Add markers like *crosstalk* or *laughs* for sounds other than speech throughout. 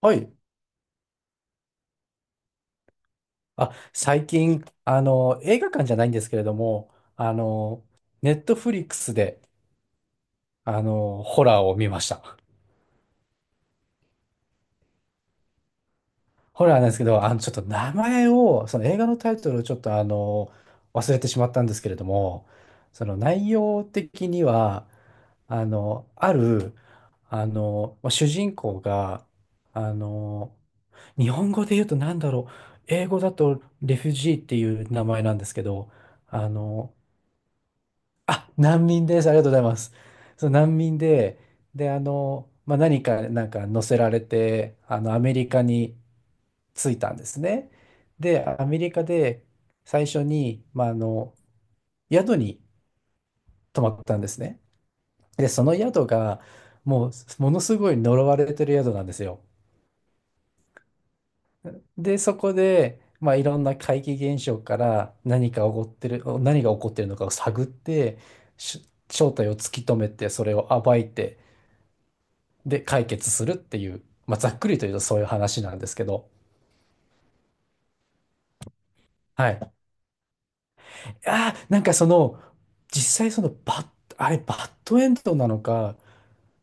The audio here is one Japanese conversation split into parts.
はい。あ、最近、映画館じゃないんですけれども、ネットフリックスで、ホラーを見ました。ホラーなんですけど、ちょっと名前を、その映画のタイトルをちょっと、忘れてしまったんですけれども、その内容的には、あの、ある、あの、まあ主人公が、あの、日本語で言うと何だろう、英語だとレフュジーっていう名前なんですけど、あの、あ、難民です。ありがとうございます。そう、難民で、で、まあ、なんか乗せられて、アメリカに着いたんですね。で、アメリカで最初に、まあ、宿に泊まったんですね。で、その宿が、もう、ものすごい呪われてる宿なんですよ。で、そこで、まあ、いろんな怪奇現象から何か起こってる、何が起こってるのかを探って、正体を突き止めて、それを暴いて、で解決するっていう、まあ、ざっくりと言うとそういう話なんですけど。はい。なんかその、実際バッドエンドなのか、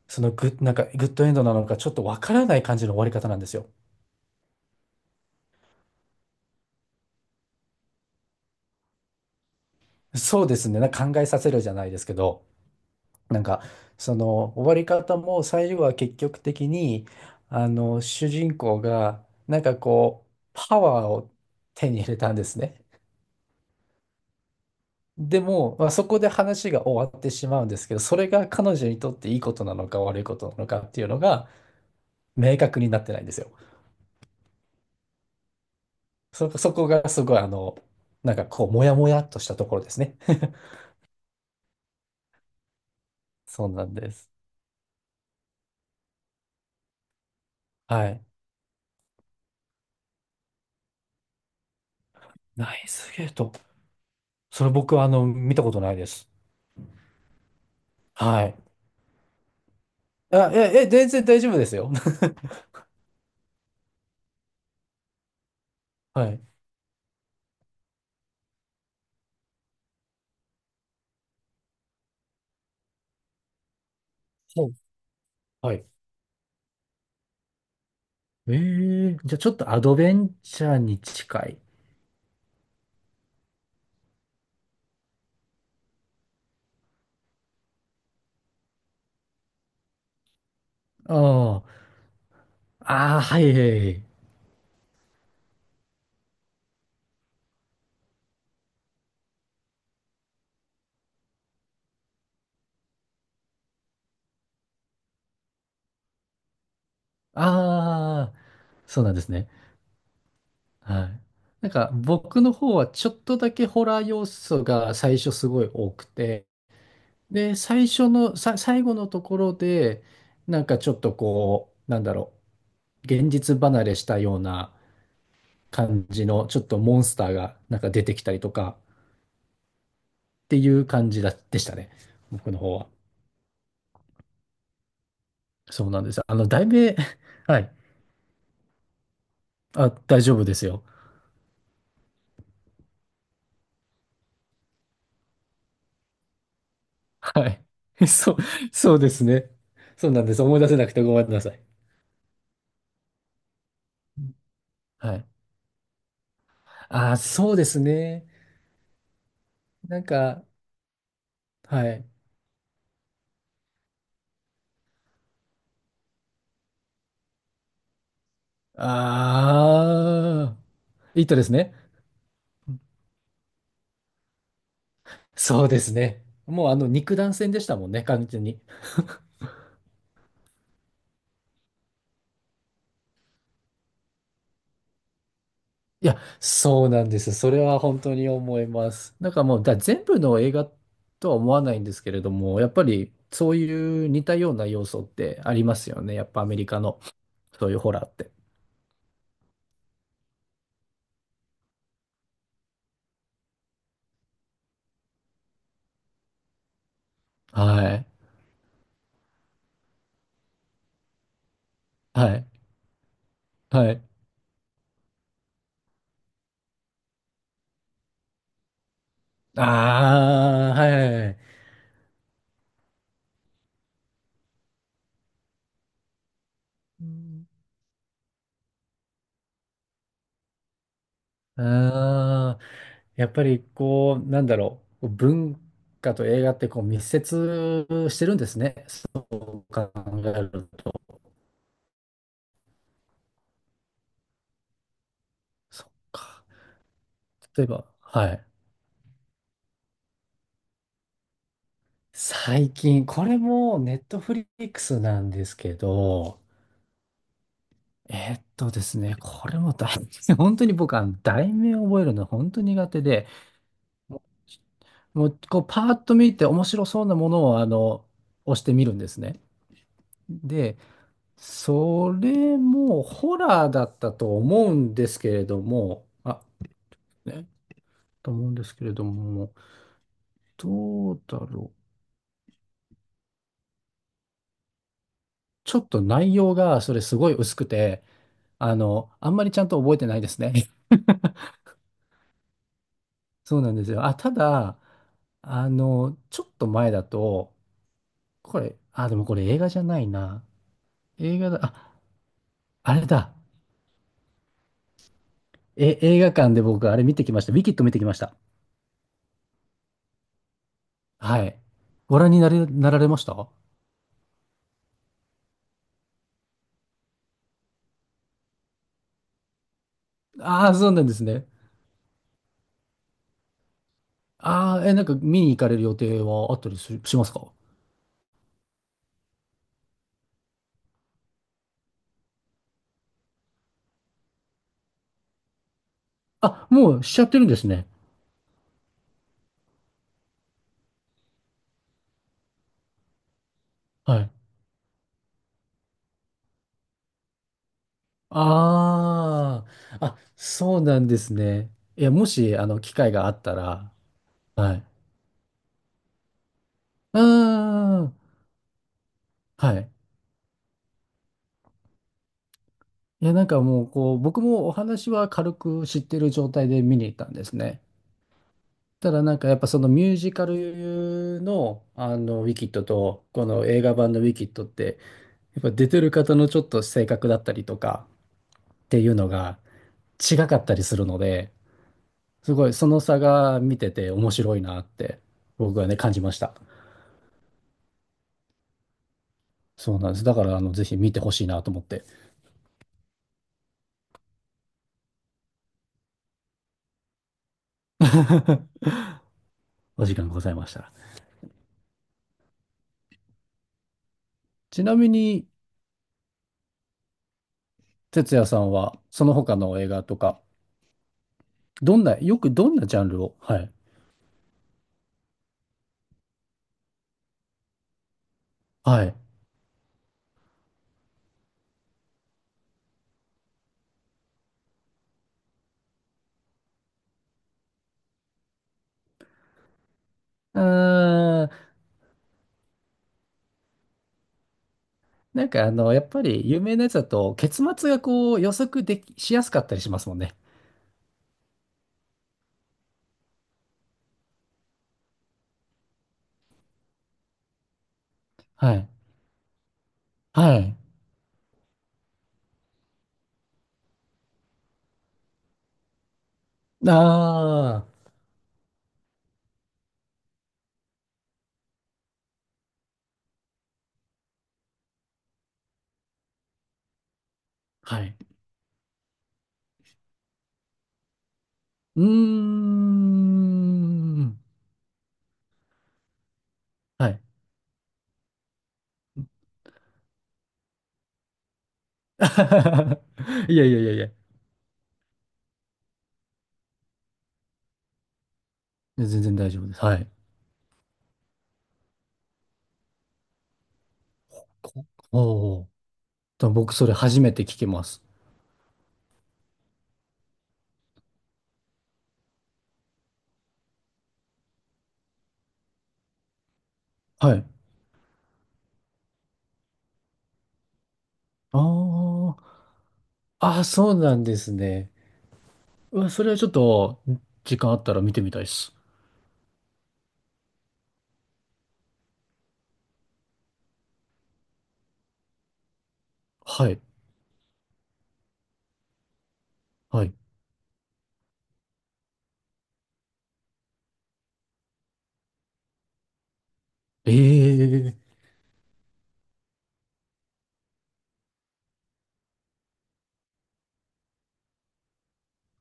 そのグッ、なんかグッドエンドなのか、ちょっとわからない感じの終わり方なんですよ。そうですね。なんか考えさせるじゃないですけど、なんか、その終わり方も最後は結局的に、主人公が、なんかこう、パワーを手に入れたんですね。でも、まあ、そこで話が終わってしまうんですけど、それが彼女にとっていいことなのか悪いことなのかっていうのが明確になってないんですよ。そこがすごいなんかこう、もやもやっとしたところですね。*laughs* そうなんです。はい。ナイスゲート。それ僕は見たことないです。はい。あ、全然大丈夫ですよ。*laughs* はい。ほう。はい。ええ、じゃあちょっとアドベンチャーに近い。ああ、ああ、はい、はいはい。ああ、そうなんですね。はい。なんか僕の方はちょっとだけホラー要素が最初すごい多くて、で、最後のところで、なんかちょっとこう、なんだろう、現実離れしたような感じの、ちょっとモンスターがなんか出てきたりとかっていう感じだ、でしたね。僕の方は。そうなんです。題名、*laughs* はい。あ、大丈夫ですよ。はい。*laughs* そう、そうですね。そうなんです。思い出せなくてごめんなさい。はい。ああ、そうですね。なんか、はい。ああ、いいとですね。そうですね。もう肉弾戦でしたもんね、完全に。いや、そうなんです。それは本当に思います。なんかもう、全部の映画とは思わないんですけれども、やっぱりそういう似たような要素ってありますよね。やっぱアメリカのそういうホラーって。はい。はい。はい。ああ、はいはいはい。うん、ああ、やっぱりこう、なんだろう、文化と映画ってこう密接してるんですね。そう考えると。そっか。例えば、はい。最近、これもネットフリックスなんですけど、ですね、これも大、*laughs* 本当に僕は題名を覚えるの本当に苦手で、もうこうパーッと見て面白そうなものを押してみるんですね。それもホラーだったと思うんですけれども、ね、と思うんですけれども、どうだろう。ちょっと内容がそれすごい薄くて、あんまりちゃんと覚えてないですね。*laughs* そうなんですよ。あ、ただ、ちょっと前だと、あ、でもこれ映画じゃないな。映画だ、あ、あれだ。映画館で僕あれ見てきました。ウィキッド見てきました。はい。ご覧になれ、なられました？ああー、そうなんですね。ああ、なんか見に行かれる予定はあったりする、しますか？あ、もうしちゃってるんですね。はい。ああ、あ、そうなんですね。いや、もし、機会があったら、はい。ああ、はい。いや、なんかもう、こう、僕もお話は軽く知ってる状態で見に行ったんですね。ただ、なんかやっぱそのミュージカルの、ウィキッドと、この映画版のウィキッドって、やっぱ出てる方のちょっと性格だったりとかっていうのが、違かったりするので、すごいその差が見てて面白いなって僕はね感じました。そうなんです。だからぜひ見てほしいなと思って。 *laughs* お時間ございましたら。ちなみに哲也さんはその他の映画とかどんなよくどんなジャンルを？はいはい。うーん、なんかやっぱり有名なやつだと、結末がこう予測でき、しやすかったりしますもんね。はい。はい。ああ、はい。うーん。はい。*laughs* いやいやいやいや。全然大丈夫です。はい。こおーでも僕それ初めて聞きます。はい。ああ。ああ、そうなんですね。うわ、それはちょっと、時間あったら見てみたいです。はい。はい。ええー、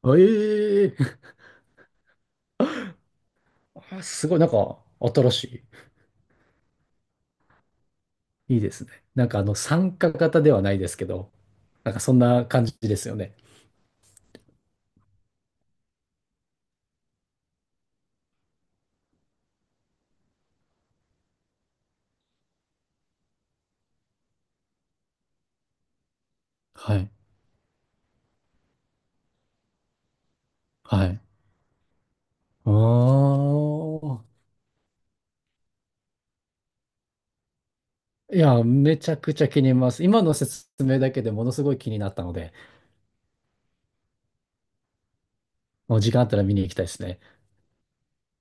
ええー、あ、すごい、なんか、新しい。いいですね。なんか参加型ではないですけど、なんかそんな感じですよね。はい。はい。ああ。いや、めちゃくちゃ気に入ります。今の説明だけでものすごい気になったので、もう時間あったら見に行きたいですね。